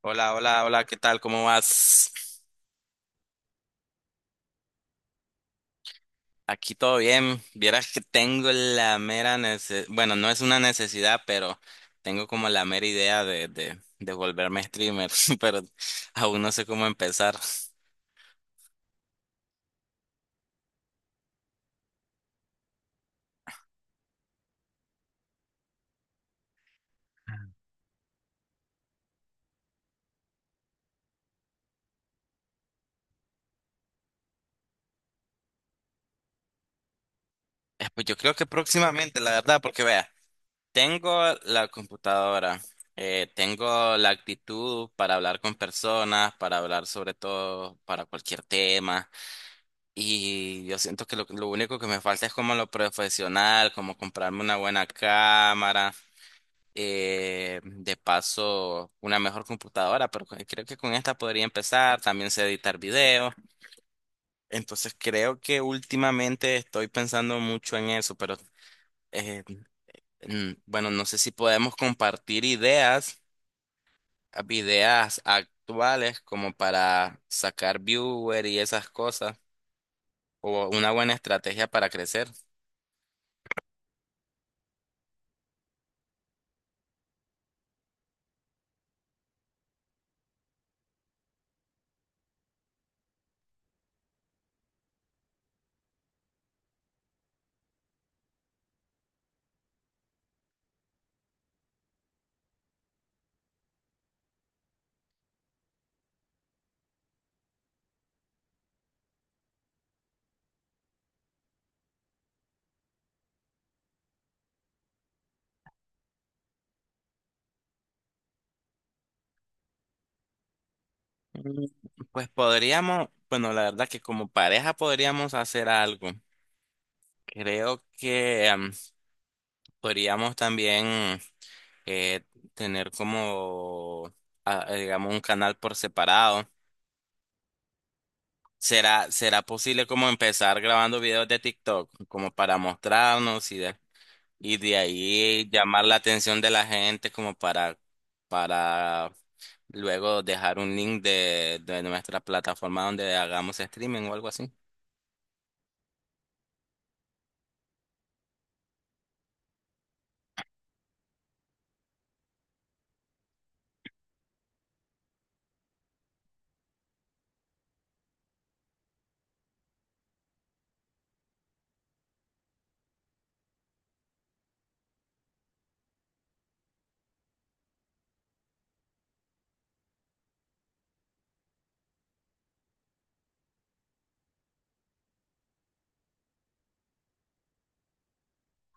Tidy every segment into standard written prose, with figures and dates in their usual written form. Hola, hola, hola, ¿qué tal? ¿Cómo vas? Aquí todo bien. Vieras que tengo la mera necesidad, bueno, no es una necesidad, pero tengo como la mera idea de volverme streamer, pero aún no sé cómo empezar. Pues yo creo que próximamente, la verdad, porque vea, tengo la computadora, tengo la actitud para hablar con personas, para hablar sobre todo, para cualquier tema. Y yo siento que lo único que me falta es como lo profesional, como comprarme una buena cámara, de paso una mejor computadora, pero creo que con esta podría empezar, también sé editar videos. Entonces creo que últimamente estoy pensando mucho en eso, pero eh, bueno, no sé si podemos compartir ideas, ideas actuales como para sacar viewer y esas cosas, o una buena estrategia para crecer. Mm, Pues podríamos, bueno, la verdad que como pareja podríamos hacer algo. Creo que podríamos también eh, tener como, digamos, un canal por separado. ¿Será posible como empezar grabando videos de TikTok, como para mostrarnos y de ahí llamar la atención de la gente como para luego dejar un link de nuestra plataforma donde hagamos streaming o algo así?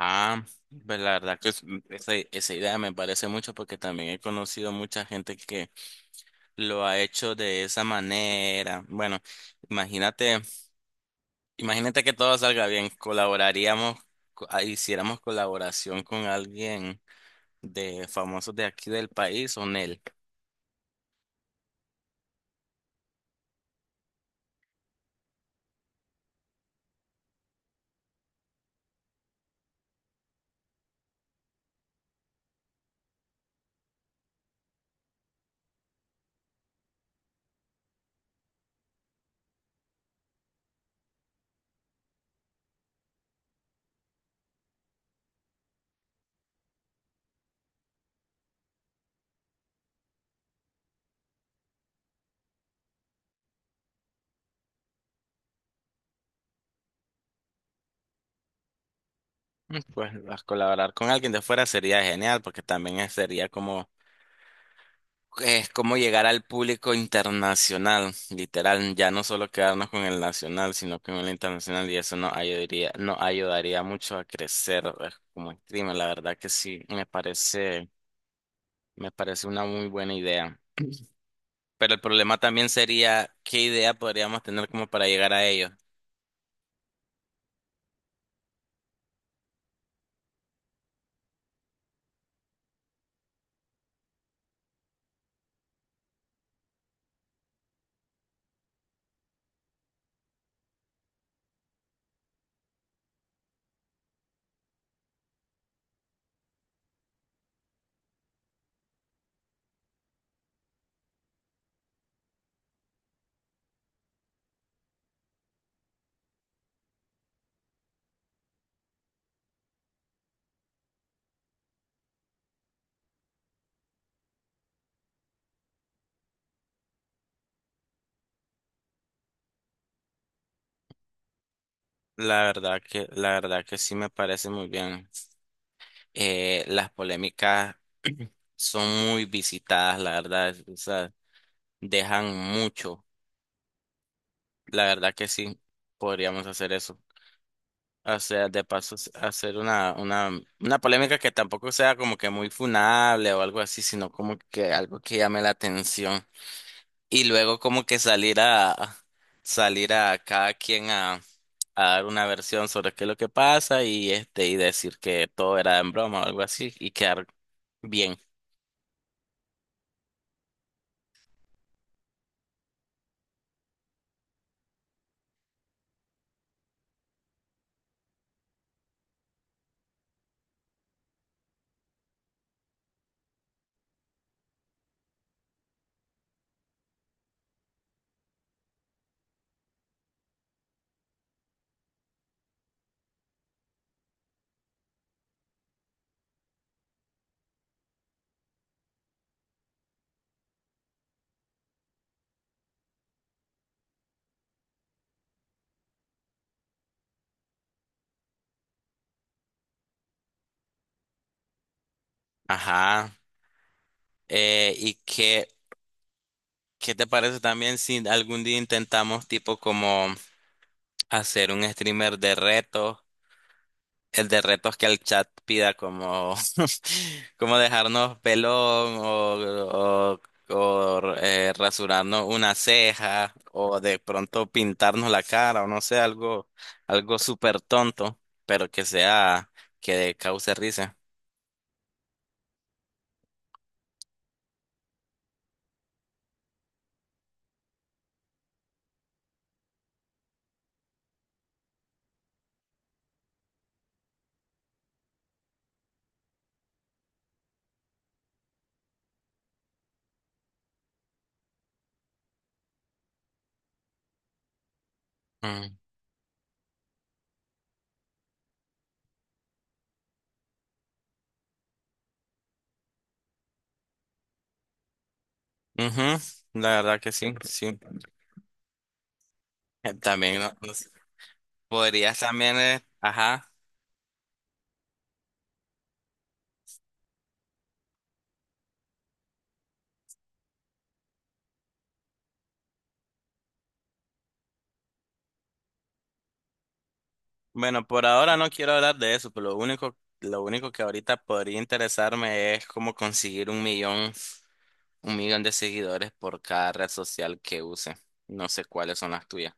Ah, pues la verdad que esa idea me parece mucho porque también he conocido mucha gente que lo ha hecho de esa manera. Bueno, imagínate, imagínate que todo salga bien, colaboraríamos, hiciéramos colaboración con alguien de famosos de aquí del país o Nel. Pues a colaborar con alguien de fuera sería genial porque también sería como. Es como llegar al público internacional, literal, ya no solo quedarnos con el nacional, sino con el internacional, y eso nos ayudaría mucho a crecer como streamer. La verdad que sí, me parece una muy buena idea. Pero el problema también sería qué idea podríamos tener como para llegar a ello. La verdad la verdad que sí me parece muy bien. Las polémicas son muy visitadas, la verdad, o sea, dejan mucho. La verdad que sí, podríamos hacer eso. O sea, de paso, hacer una polémica que tampoco sea como que muy funable o algo así, sino como que algo que llame la atención. Y luego como que salir a cada quien a dar una versión sobre qué es lo que pasa y este, y decir que todo era en broma o algo así y quedar bien. Ajá. ¿Y qué te parece también si algún día intentamos tipo como hacer un streamer de retos, el de retos que el chat pida como, como dejarnos pelón o rasurarnos una ceja o de pronto pintarnos la cara o no sé, algo, algo súper tonto, pero que sea, que cause risa. Mm. Ujú. La verdad que sí, sí. También, ¿no? Podrías también, ajá. Bueno, por ahora no quiero hablar de eso, pero lo único que ahorita podría interesarme es cómo conseguir 1 millón, 1 millón de seguidores por cada red social que use. No sé cuáles son las tuyas.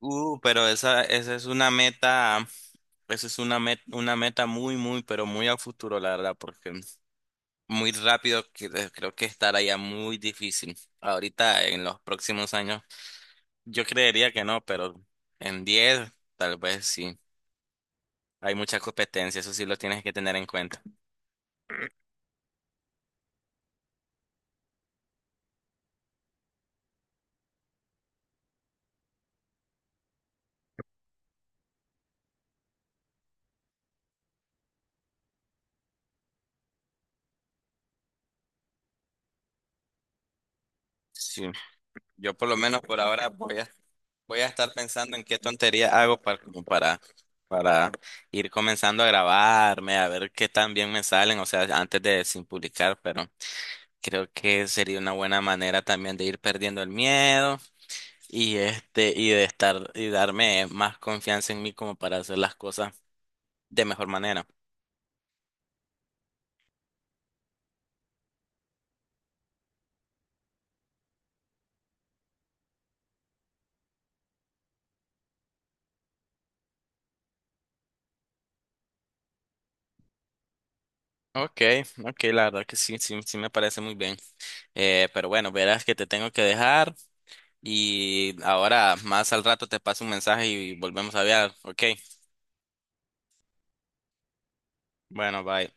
Pero esa es una meta, esa es una meta muy, muy, pero muy a futuro, la verdad, porque muy rápido creo que estará ya muy difícil. Ahorita, en los próximos años, yo creería que no, pero en 10 tal vez sí. Hay mucha competencia, eso sí lo tienes que tener en cuenta. Sí, yo por lo menos por ahora voy a estar pensando en qué tontería hago para ir comenzando a grabarme, a ver qué tan bien me salen, o sea, antes de sin publicar, pero creo que sería una buena manera también de ir perdiendo el miedo y este, y darme más confianza en mí como para hacer las cosas de mejor manera. Ok, ok, la verdad que sí, sí, sí me parece muy bien. Pero bueno, verás que te tengo que dejar. Y ahora, más al rato te paso un mensaje y volvemos a hablar. Ok, bueno, bye.